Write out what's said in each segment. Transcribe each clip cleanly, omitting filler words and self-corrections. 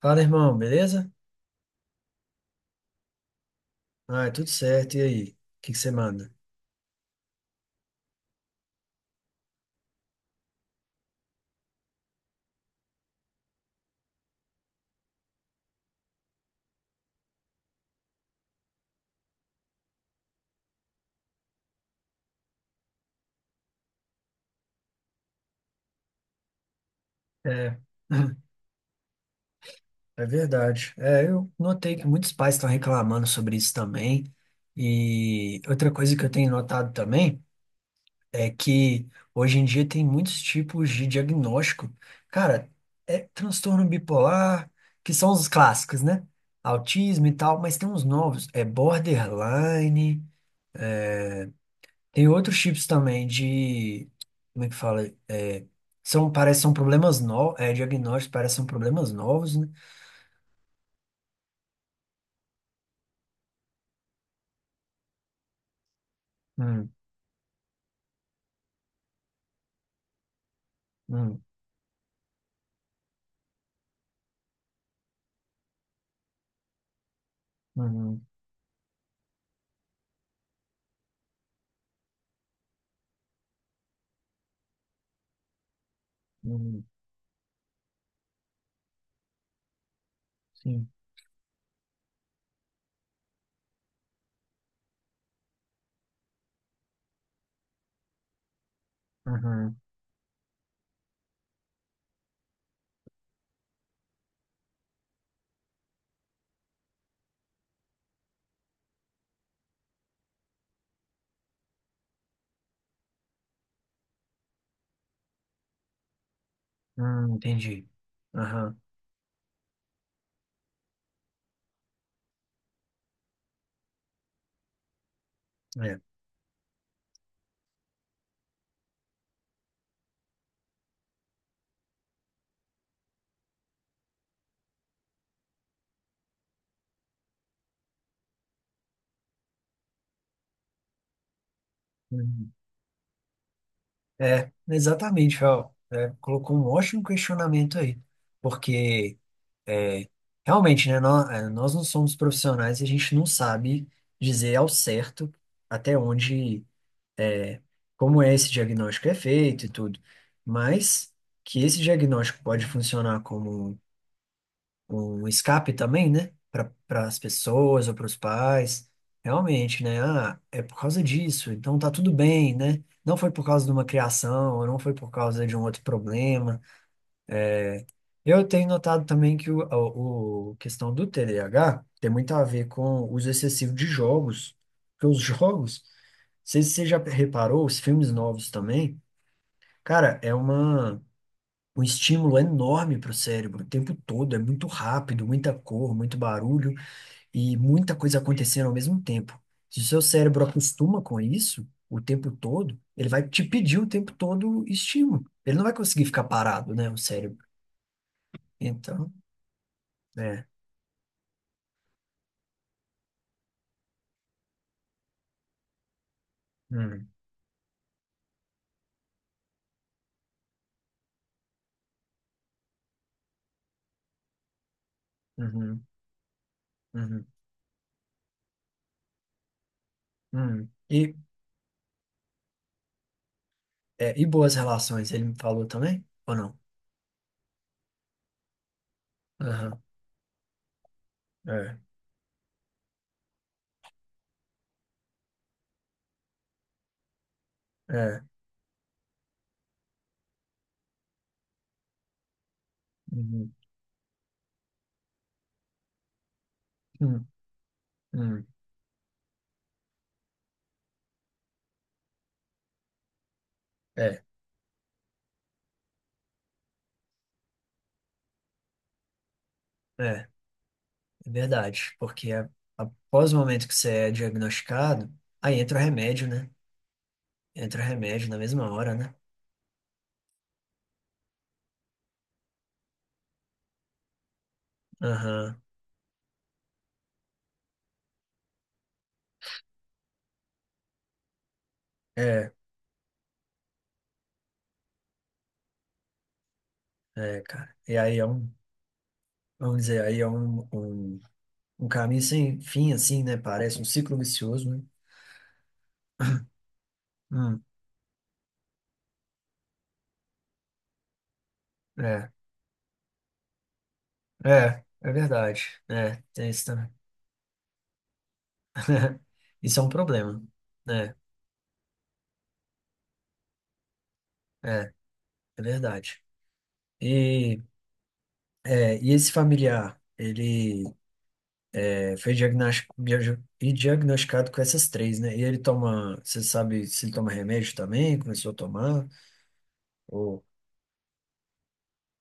Fala, irmão, beleza? Ah, é tudo certo. E aí? O que que você manda? É, é verdade. Eu notei que muitos pais estão reclamando sobre isso também. E outra coisa que eu tenho notado também é que hoje em dia tem muitos tipos de diagnóstico. Cara, é transtorno bipolar, que são os clássicos, né? Autismo e tal, mas tem uns novos. É borderline. Tem outros chips também de. Como é que fala? É, são, parece, que são problemas novos. Diagnósticos parecem são problemas novos, né? Hum, hum, uhum, uhum, sim. Uhum, entendi. Aham, é. Uhum. É, exatamente, Fel. Colocou um ótimo questionamento aí. Porque, é, realmente, né? Nós, nós não somos profissionais e a gente não sabe dizer ao certo até onde. é, Como é esse diagnóstico é feito e tudo, mas que esse diagnóstico pode funcionar como um escape também, né? Para as pessoas ou para os pais, realmente, né? Ah, é por causa disso, então tá tudo bem, né? Não foi por causa de uma criação, ou não foi por causa de um outro problema. Eu tenho notado também que o questão do TDAH tem muito a ver com o uso excessivo de jogos, porque os jogos, não sei se você já reparou, os filmes novos também. Cara, um estímulo enorme para o cérebro o tempo todo. É muito rápido, muita cor, muito barulho e muita coisa acontecendo ao mesmo tempo. Se o seu cérebro acostuma com isso o tempo todo, ele vai te pedir o tempo todo estímulo. Ele não vai conseguir ficar parado, né, o cérebro. Então, é. Hum, uhum, uhum. E, é, e boas relações, ele me falou também? Ou não? Aham, é, é. Uhum, hum, hum, é, é. É verdade, porque após o momento que você é diagnosticado, aí entra o remédio, né? Entra o remédio na mesma hora, né? Aham. É, é, cara. Vamos dizer, aí é um caminho sem fim, assim, né? Parece um ciclo vicioso, né? Hum, é, é, é verdade. É, tem isso também. Isso é um problema, né? É, é verdade. E, é, e esse familiar, ele. É, foi diagnosticado com essas três, né? E ele toma, você sabe se ele toma remédio também? Começou a tomar? Ou,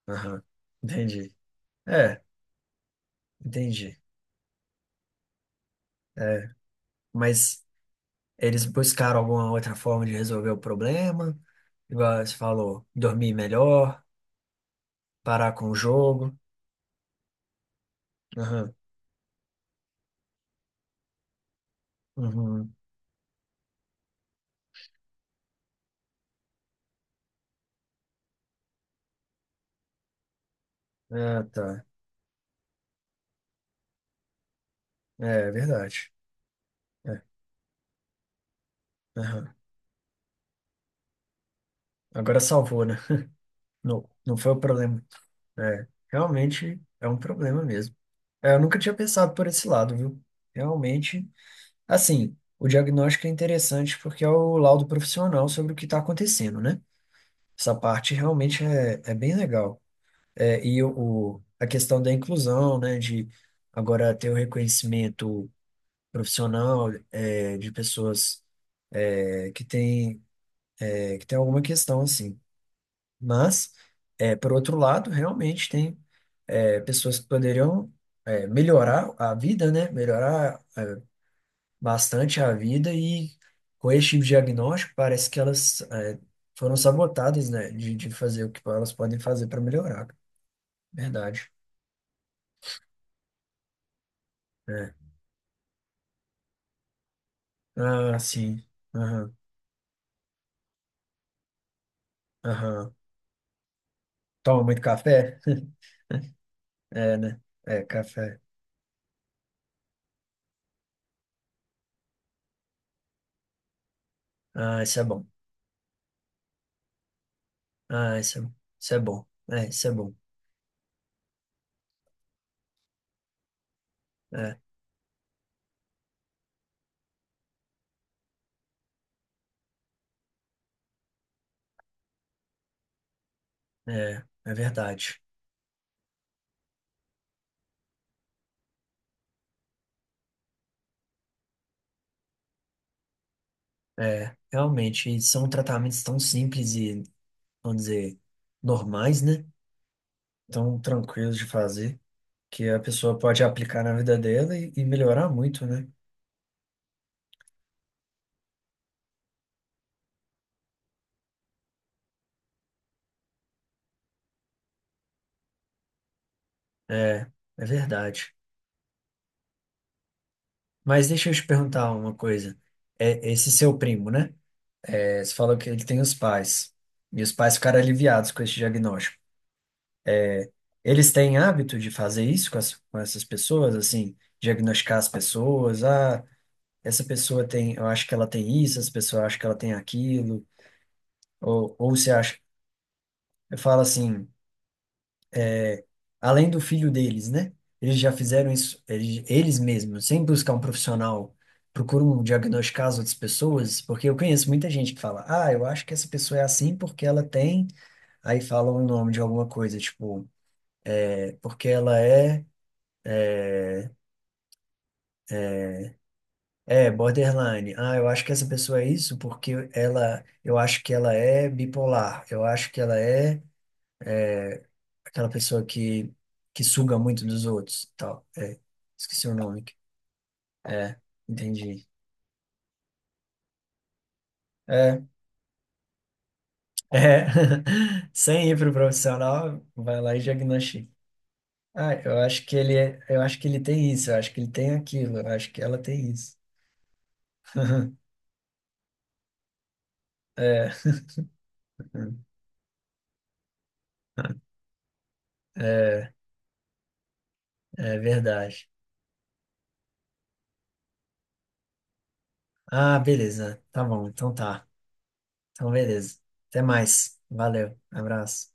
aham, entendi. É, entendi. É, mas eles buscaram alguma outra forma de resolver o problema? Igual você falou, dormir melhor, parar com o jogo. Aham, uhum. Ah, tá. É, é verdade. É, aham. Agora salvou, né? Não, não foi o problema. É, realmente é um problema mesmo. É, eu nunca tinha pensado por esse lado, viu? Realmente, assim, o diagnóstico é interessante porque é o laudo profissional sobre o que está acontecendo, né? Essa parte realmente é, é bem legal. É, e a questão da inclusão, né? De agora ter o reconhecimento profissional de pessoas que têm, que tem alguma questão assim. Mas, por outro lado, realmente tem pessoas que poderiam melhorar a vida, né? Melhorar bastante a vida e com esse tipo de diagnóstico parece que elas foram sabotadas, né, de fazer o que elas podem fazer para melhorar. Verdade. É. Ah, sim. Aham, aham. Toma muito café? É, né? É, café. Ah, isso é bom. Ah, isso é bom. É, isso é bom. É, é, é verdade. É, realmente, e são tratamentos tão simples e, vamos dizer, normais, né? Tão tranquilos de fazer. Que a pessoa pode aplicar na vida dela e melhorar muito, né? É, é verdade. Mas deixa eu te perguntar uma coisa. É esse seu primo, né? É, você falou que ele tem os pais. E os pais ficaram aliviados com esse diagnóstico. Eles têm hábito de fazer isso com, com essas pessoas, assim, diagnosticar as pessoas. Ah, essa pessoa tem, eu acho que ela tem isso, essa pessoa acha que ela tem aquilo. Ou você acha, eu falo assim. Além do filho deles, né? Eles já fizeram isso, eles mesmos, sem buscar um profissional, procuram diagnosticar as outras pessoas, porque eu conheço muita gente que fala, ah, eu acho que essa pessoa é assim porque ela tem, aí fala o nome de alguma coisa, tipo, é porque ela é, é, borderline, ah, eu acho que essa pessoa é isso porque ela, eu acho que ela é bipolar, eu acho que ela é aquela pessoa que suga muito dos outros, tal, é, esqueci o nome, é, entendi. É. É, sem ir para o profissional, vai lá e diagnostica. Ah, eu acho que ele, eu acho que ele tem isso, eu acho que ele tem aquilo, eu acho que ela tem isso. É, é, é verdade. Ah, beleza. Tá bom, então tá. Então, beleza. Até mais. Valeu. Abraço.